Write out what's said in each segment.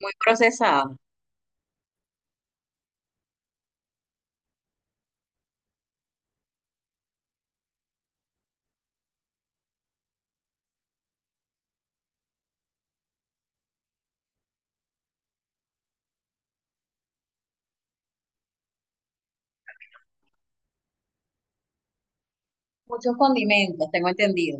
Muy procesada. Muchos condimentos, tengo entendido.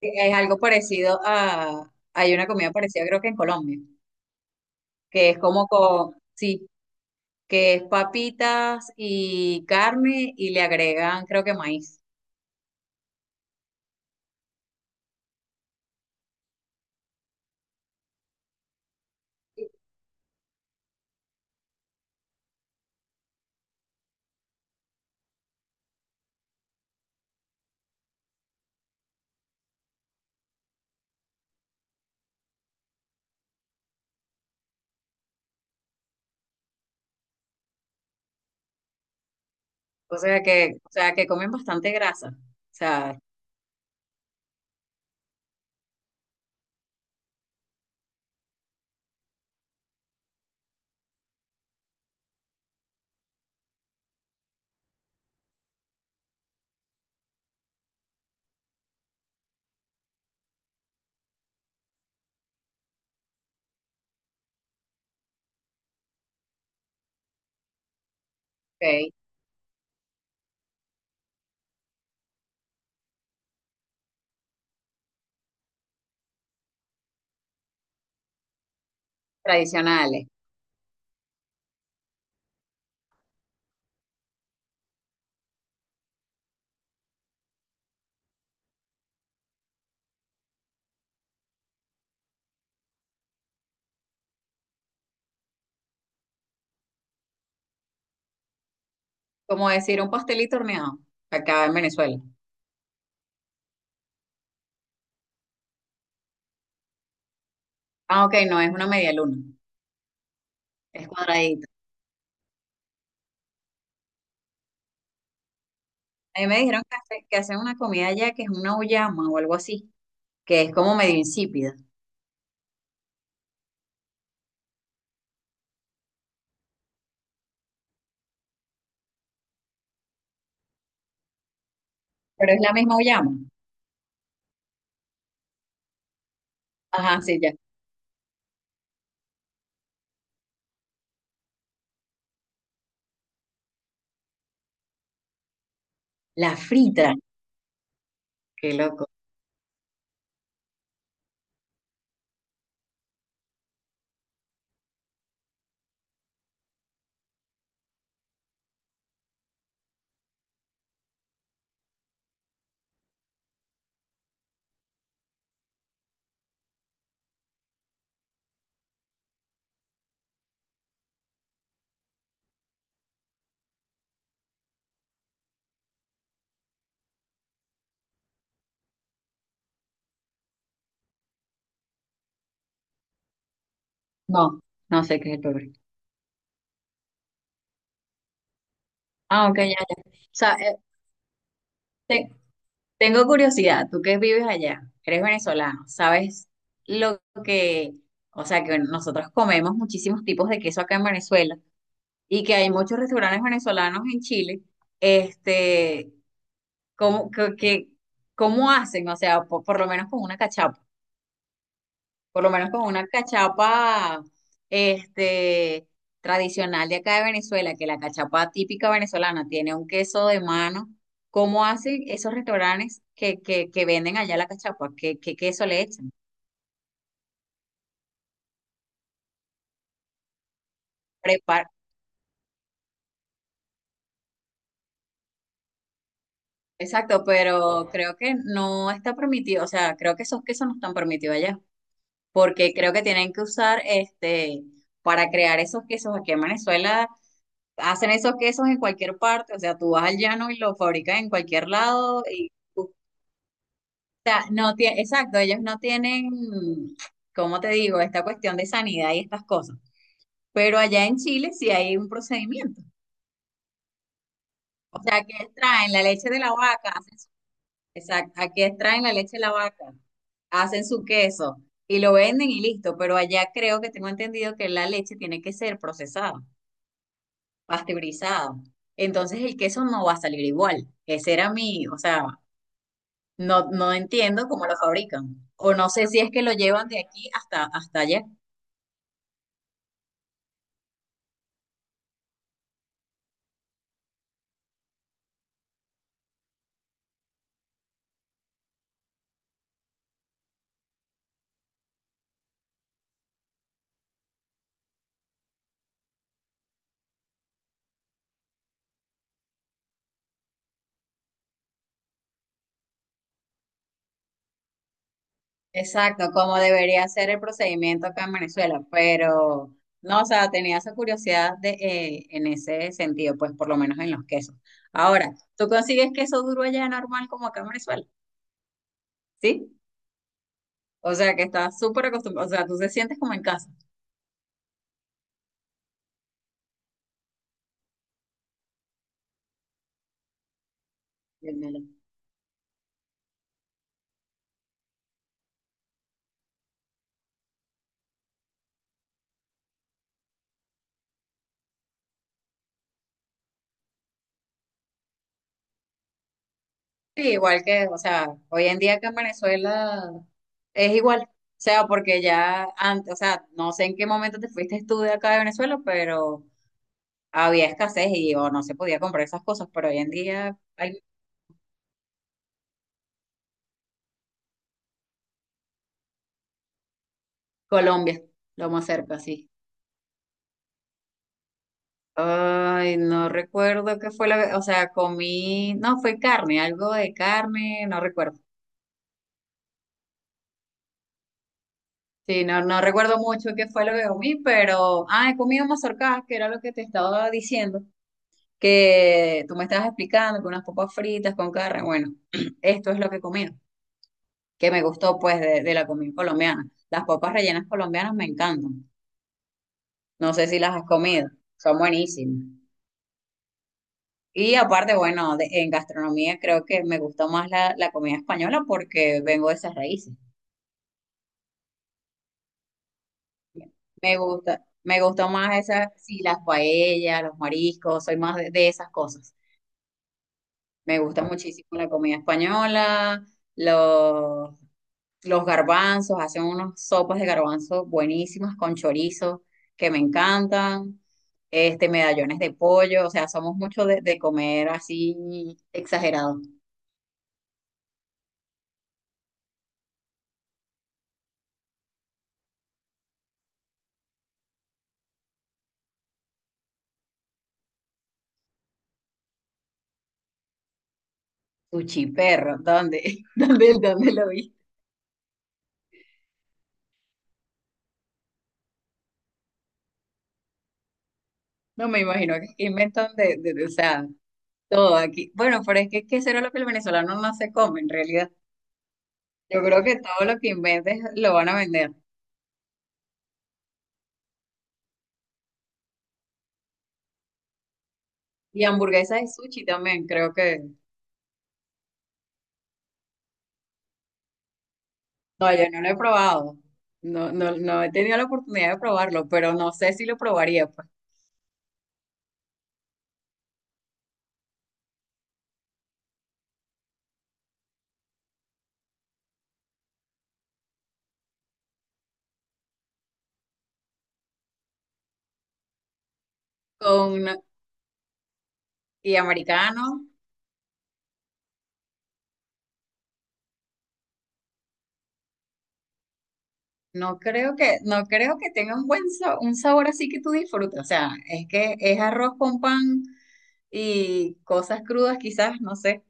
Es algo parecido a, hay una comida parecida creo que en Colombia, que es como con, sí, que es papitas y carne y le agregan creo que maíz. O sea que comen bastante grasa. O sea, ok, tradicionales. Como decir un pastelito horneado acá en Venezuela. Ah, ok, no es una media luna, es cuadradita. A mí me dijeron que, que hacen una comida allá que es una uyama o algo así, que es como medio insípida, pero es la misma uyama. Ajá, sí, ya. La frita, qué loco. No, no sé qué es el pebre. Ah, ok, ya, ya. O sea, te- tengo curiosidad, tú que vives allá, eres venezolano, ¿sabes lo que, o sea, que nosotros comemos muchísimos tipos de queso acá en Venezuela y que hay muchos restaurantes venezolanos en Chile, este, cómo, cómo hacen? O sea, por lo menos con una cachapa. Por lo menos con una cachapa este, tradicional de acá de Venezuela, que la cachapa típica venezolana tiene un queso de mano. ¿Cómo hacen esos restaurantes que, que venden allá la cachapa? ¿Qué, qué queso le echan? Prepar Exacto, pero creo que no está permitido, o sea, creo que esos quesos no están permitidos allá, porque creo que tienen que usar este para crear esos quesos aquí en Venezuela. Hacen esos quesos en cualquier parte, o sea, tú vas al llano y lo fabrican en cualquier lado. Y o sea, no tiene, exacto, ellos no tienen, ¿cómo te digo? Esta cuestión de sanidad y estas cosas. Pero allá en Chile sí hay un procedimiento. O sea, aquí extraen la leche de la vaca, exacto, aquí extraen la leche de la vaca, hacen su queso y lo venden y listo. Pero allá creo que tengo entendido que la leche tiene que ser procesada, pasteurizada. Entonces el queso no va a salir igual. Ese era mi, o sea, no, no entiendo cómo lo fabrican. O no sé si es que lo llevan de aquí hasta, hasta allá. Exacto, como debería ser el procedimiento acá en Venezuela, pero no, o sea, tenía esa curiosidad de, en ese sentido, pues por lo menos en los quesos. Ahora, ¿tú consigues queso duro allá normal como acá en Venezuela? ¿Sí? O sea, que estás súper acostumbrado, o sea, tú te sientes como en casa. Bienvenido. Sí, igual que, o sea, hoy en día acá en Venezuela es igual. O sea, porque ya antes, o sea, no sé en qué momento te fuiste tú de acá de Venezuela, pero había escasez y o no se podía comprar esas cosas, pero hoy en día hay. Colombia, lo más cerca, sí. Ay, no recuerdo qué fue la, o sea, comí, no, fue carne, algo de carne, no recuerdo. Sí, no, no recuerdo mucho qué fue lo que comí, pero, ah, he comido mazorcas, que era lo que te estaba diciendo, que tú me estabas explicando, con unas papas fritas, con carne, bueno, esto es lo que comí que me gustó pues de la comida colombiana. Las papas rellenas colombianas me encantan. No sé si las has comido, son buenísimas. Y aparte, bueno, en gastronomía creo que me gusta más la, la comida española porque vengo de esas raíces. Me gusta más esas, sí, las paellas, los mariscos, soy más de esas cosas. Me gusta muchísimo la comida española, los, los garbanzos, hacen unas sopas de garbanzos buenísimas con chorizo que me encantan, medallones de pollo, o sea, somos mucho de comer así exagerado. Sushi perro, ¿dónde? ¿Dónde, dónde lo vi? No me imagino que inventan de, o sea, todo aquí. Bueno, pero es que ¿qué será lo que el venezolano no se come en realidad? Yo creo que todo lo que inventes lo van a vender. Y hamburguesas de sushi también, creo que. No, yo no lo he probado. No, no, no he tenido la oportunidad de probarlo, pero no sé si lo probaría, pues. Con y americano, no creo que, no creo que tenga un buen un sabor así que tú disfrutes. O sea, es que es arroz con pan y cosas crudas, quizás, no sé.